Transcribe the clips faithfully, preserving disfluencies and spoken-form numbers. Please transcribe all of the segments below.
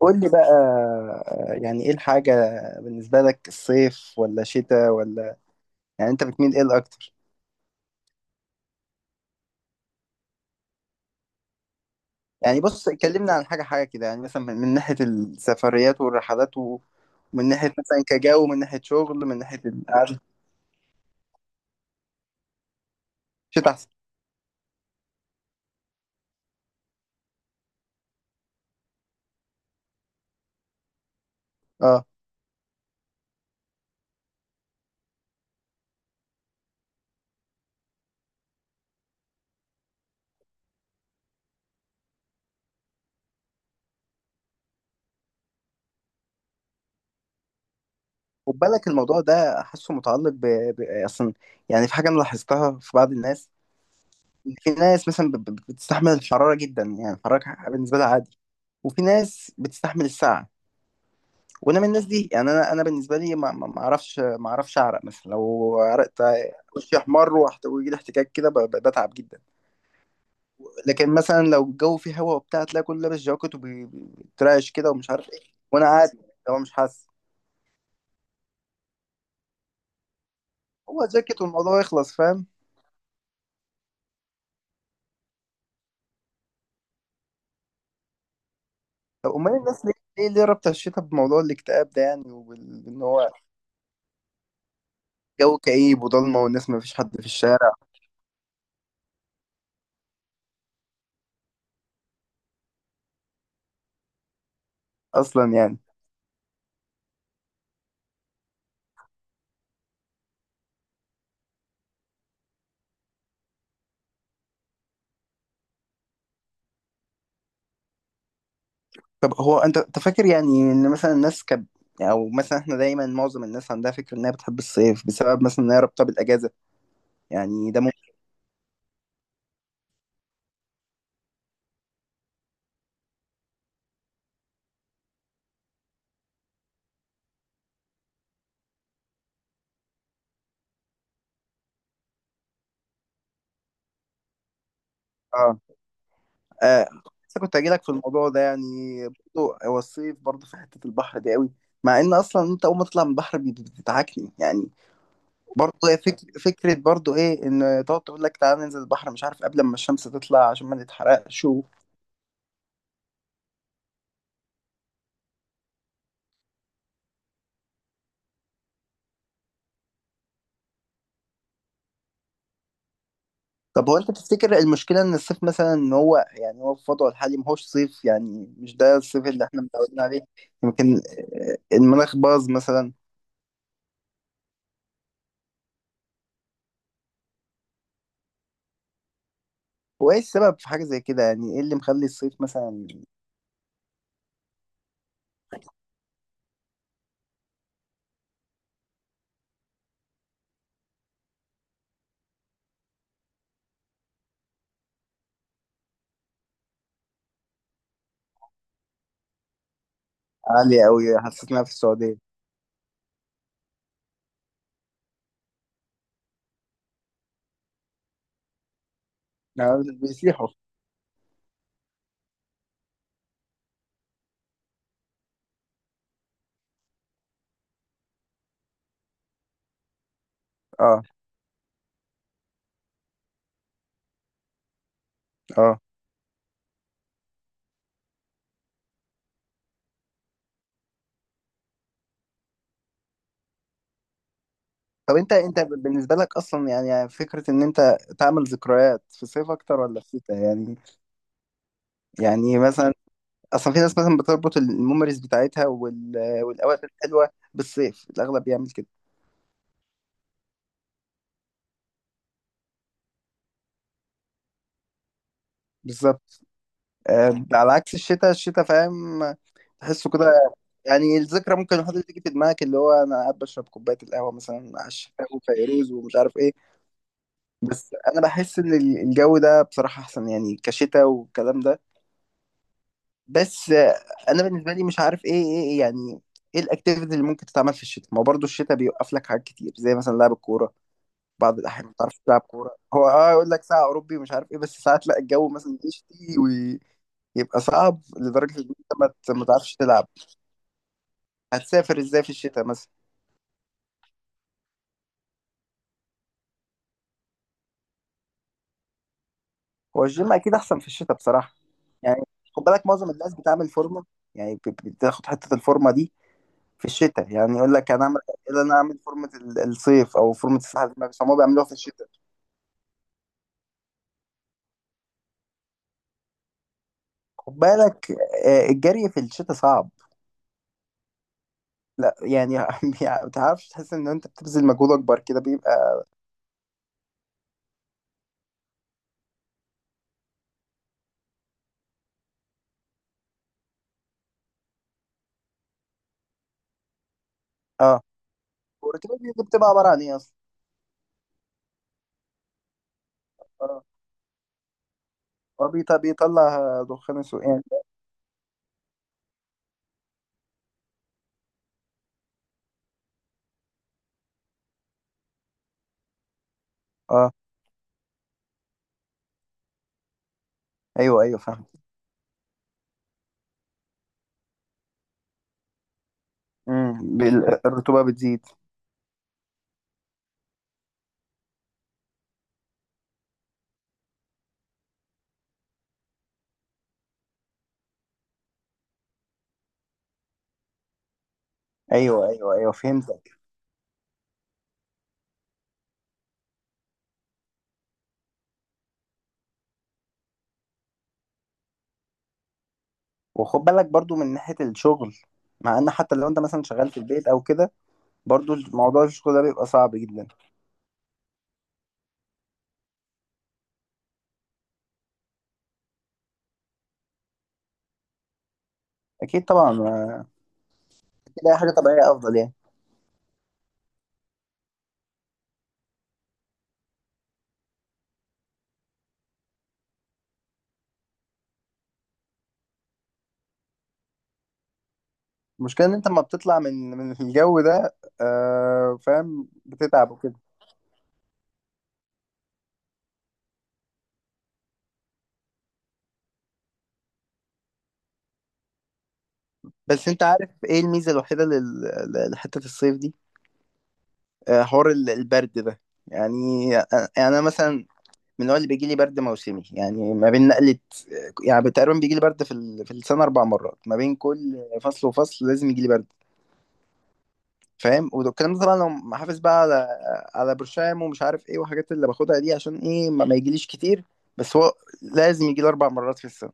قول لي بقى، يعني ايه الحاجة بالنسبة لك؟ الصيف ولا شتاء؟ ولا يعني انت بتميل ايه الاكتر؟ يعني بص، كلمنا عن حاجة حاجة كده، يعني مثلا من, من ناحية السفريات والرحلات، ومن ناحية مثلا كجو، من ناحية شغل، من ناحية القعدة. شتاء احسن. اه. خد بالك الموضوع ده، حاسه متعلق ب... ب... اصلا. يعني في حاجة انا لاحظتها في بعض الناس، إن في ناس مثلا ب... ب- بتستحمل الحرارة جدا، يعني الحرارة بالنسبة لها عادي. وفي ناس بتستحمل السقعة. وانا من الناس دي، يعني انا انا بالنسبه لي ما ما ما اعرفش ما اعرفش اعرق مثلا لو عرقت، وشي احمر، وهت- ويجي لي احتكاك كده، ب- ب- بتعب جدا. لكن مثلا لو الجو فيه هوا وبتاع، تلاقي كله لابس جاكيت وبيترعش كده، ومش عارف ايه، وانا قاعد. هو مش حاسس، هو جاكيت والموضوع يخلص، فاهم؟ طب امال الناس ليه ليه ليه رابطه الشتاء بموضوع الاكتئاب ده يعني؟ وبان هو جو كئيب وضلمه والناس، ما فيش حد في الشارع اصلا، يعني. طب هو انت انت فاكر يعني ان مثلا الناس كب او مثلا احنا دايما، معظم الناس عندها فكره انها بتحب الصيف بسبب مثلا انها رابطه بالاجازه، يعني ده ممكن؟ اه، اه. لسه كنت هجيلك في الموضوع ده، يعني برضه هو الصيف برضه في حته البحر دي قوي. مع ان اصلا انت اول ما تطلع من البحر بت- بتتعكني يعني. برضه هي فك... فكره برضه ايه، ان تقعد تقول لك تعالى ننزل البحر مش عارف قبل ما الشمس تطلع عشان ما نتحرقش. طب هو انت تفتكر المشكله ان الصيف مثلا، ان هو يعني هو في وضعه الحالي ما هوش صيف؟ يعني مش ده الصيف اللي احنا متعودين عليه؟ يمكن آه، المناخ باظ مثلا. هو ايه السبب في حاجه زي كده؟ يعني ايه اللي مخلي الصيف مثلا؟ عالي قوي، حسيتنا في السعوديه. يعني بيسيحوا. اه، اه. طب انت انت بالنسبه لك اصلا، يعني فكره ان انت تعمل ذكريات في الصيف اكتر ولا في الشتاء؟ يعني يعني مثلا، اصلا في ناس مثلا بتربط الميموريز بتاعتها وال... والاوقات الحلوه بالصيف، الاغلب بيعمل كده. بالظبط. آه، على عكس الشتاء، الشتاء فاهم، تحسه كده. يعني الذكرى ممكن الواحد تيجي في دماغك، اللي هو انا قاعد بشرب كوبايه القهوه مثلا على الشتاء، وفيروز ومش عارف ايه. بس انا بحس ان ال- الجو ده بصراحه احسن يعني، كشتاء والكلام ده. بس آه، انا بالنسبه لي مش عارف ايه ايه إيه يعني، ايه الاكتيفيتي اللي ممكن تتعمل في الشتاء؟ ما هو برضه الشتاء بيوقف لك حاجات كتير، زي مثلا لعب الكوره. بعض الاحيان ما بتعرفش تلعب كوره، هو اه يقول لك ساعه اوروبي ومش عارف ايه، بس ساعات لا الجو مثلا يشتي ويبقى صعب لدرجه ان انت ما ت- ما تعرفش تلعب. هتسافر ازاي في الشتاء مثلا؟ هو الجيم اكيد احسن في الشتاء بصراحه، يعني. خد بالك، معظم الناس بتعمل فورمه، يعني ب- بتاخد حته الفورمه دي في الشتاء، يعني يقول لك انا اعمل إيه، انا اعمل فورمه ال- الصيف او فورمه الساحل، بس هم بيعملوها في الشتاء. خد بالك، آه، الجري في الشتاء صعب. لا يعني ما تعرفش، تحس ان انت بتبذل مجهود اكبر كده، بيبقى. اه. والركبات دي بتبقى عباره عن ايه اصلا؟ اه. هو بيط- بيطلع دخان سوء يعني؟ اه، ايوه ايوه فاهم. امم الرطوبه بتزيد. ايوه ايوه ايوه، فهمتك. وخد بالك برضو من ناحيه الشغل، مع ان حتى لو انت مثلا شغال في البيت او كده، برضو موضوع الشغل ده بيبقى صعب جدا. اكيد طبعا، ما- اكيد اي حاجه طبيعيه افضل يعني. المشكله ان انت لما بتطلع من من الجو ده، آه فاهم، بتتعب وكده. بس انت عارف ايه الميزه الوحيده لل- ل- لحته الصيف دي؟ آه حوار ال- البرد ده. يعني أ- انا مثلا من النوع اللي بيجي لي برد موسمي، يعني ما بين نقله، يعني تقريبا بيجي لي برد في ال- في السنه اربع مرات، ما بين كل فصل وفصل لازم يجي لي برد. فاهم، والكلام ده طبعا لو حافظ بقى على على برشام ومش عارف ايه، والحاجات اللي باخدها دي عشان ايه، ما, ما يجيليش كتير. بس هو لازم يجي لي اربع مرات في السنه.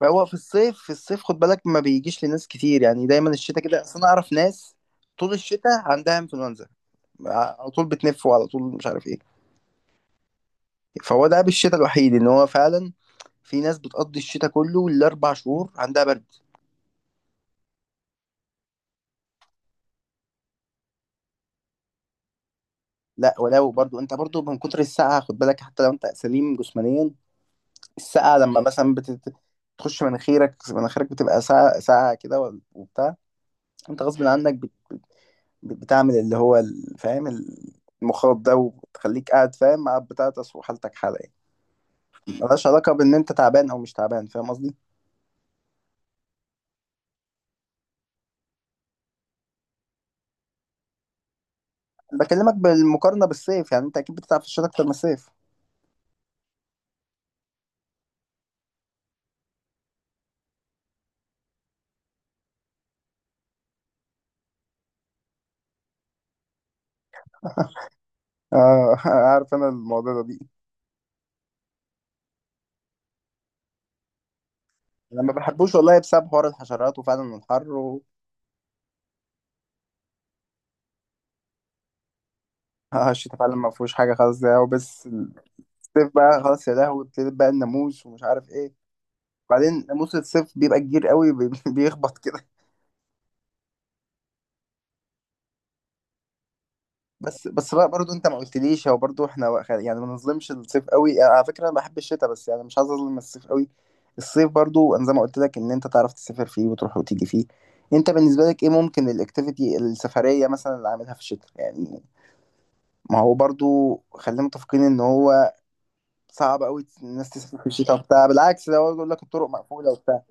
فهو في الصيف في الصيف خد بالك ما بيجيش لناس كتير، يعني دايما الشتاء كده، اصل انا اعرف ناس طول الشتاء عندها انفلونزا، على طول بتنف وعلى طول مش عارف ايه. فهو ده بالشتاء الوحيد، ان هو فعلا في ناس بتقضي الشتاء كله الاربع شهور عندها برد. لا، ولو برضو انت برضو من كتر السقعه خد بالك، حتى لو انت سليم جسمانيا. السقعه لما مثلا بتت- بتخش مناخيرك، مناخيرك بتبقى ساقعه ساقعه كده، وال- وبتاع. انت غصب عنك بت- بت- بتعمل اللي هو ال- فاهم، ال- المخاط ده، وبتخليك قاعد فاهم، مع بتاعتس وحالتك حاله يعني. ملهاش علاقه بان انت تعبان او مش تعبان، فاهم قصدي. بكلمك بالمقارنه بالصيف، يعني انت اكيد بتتعب في الشتاء اكتر من الصيف. اه، عارف، انا الموضوع ده دي. انا ما بحبوش والله، بسبب حوار الحشرات وفعلا الحر. اه، الشتاء فعلا ما فيهوش حاجه خالص، ده وبس. الصيف بقى خلاص يا لهوي، ابتدت بقى الناموس ومش عارف ايه. بعدين ناموس الصيف بيبقى كبير قوي بي- بيخبط كده. بس بس بقى برضو انت ما قلتليش، هو برضو احنا وق- يعني ما نظلمش الصيف قوي. انا على فكره انا بحب الشتاء، بس يعني مش عايز اظلم الصيف قوي. الصيف برضو، انا زي ما قلت لك ان انت تعرف تسافر فيه، وتروح وتيجي فيه. انت بالنسبه لك ايه ممكن الاكتيفيتي السفريه مثلا اللي عاملها في الشتاء، يعني؟ ما هو برضو خلينا متفقين، ان هو صعب قوي الناس تسافر في الشتاء وبتاع، بالعكس ده هو يقول لك الطرق مقفولة وبتاع.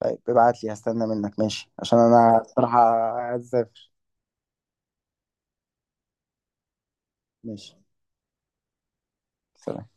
طيب ابعت لي، هستنى منك، ماشي؟ عشان انا بصراحة عايز اسافر. ماشي. سلام.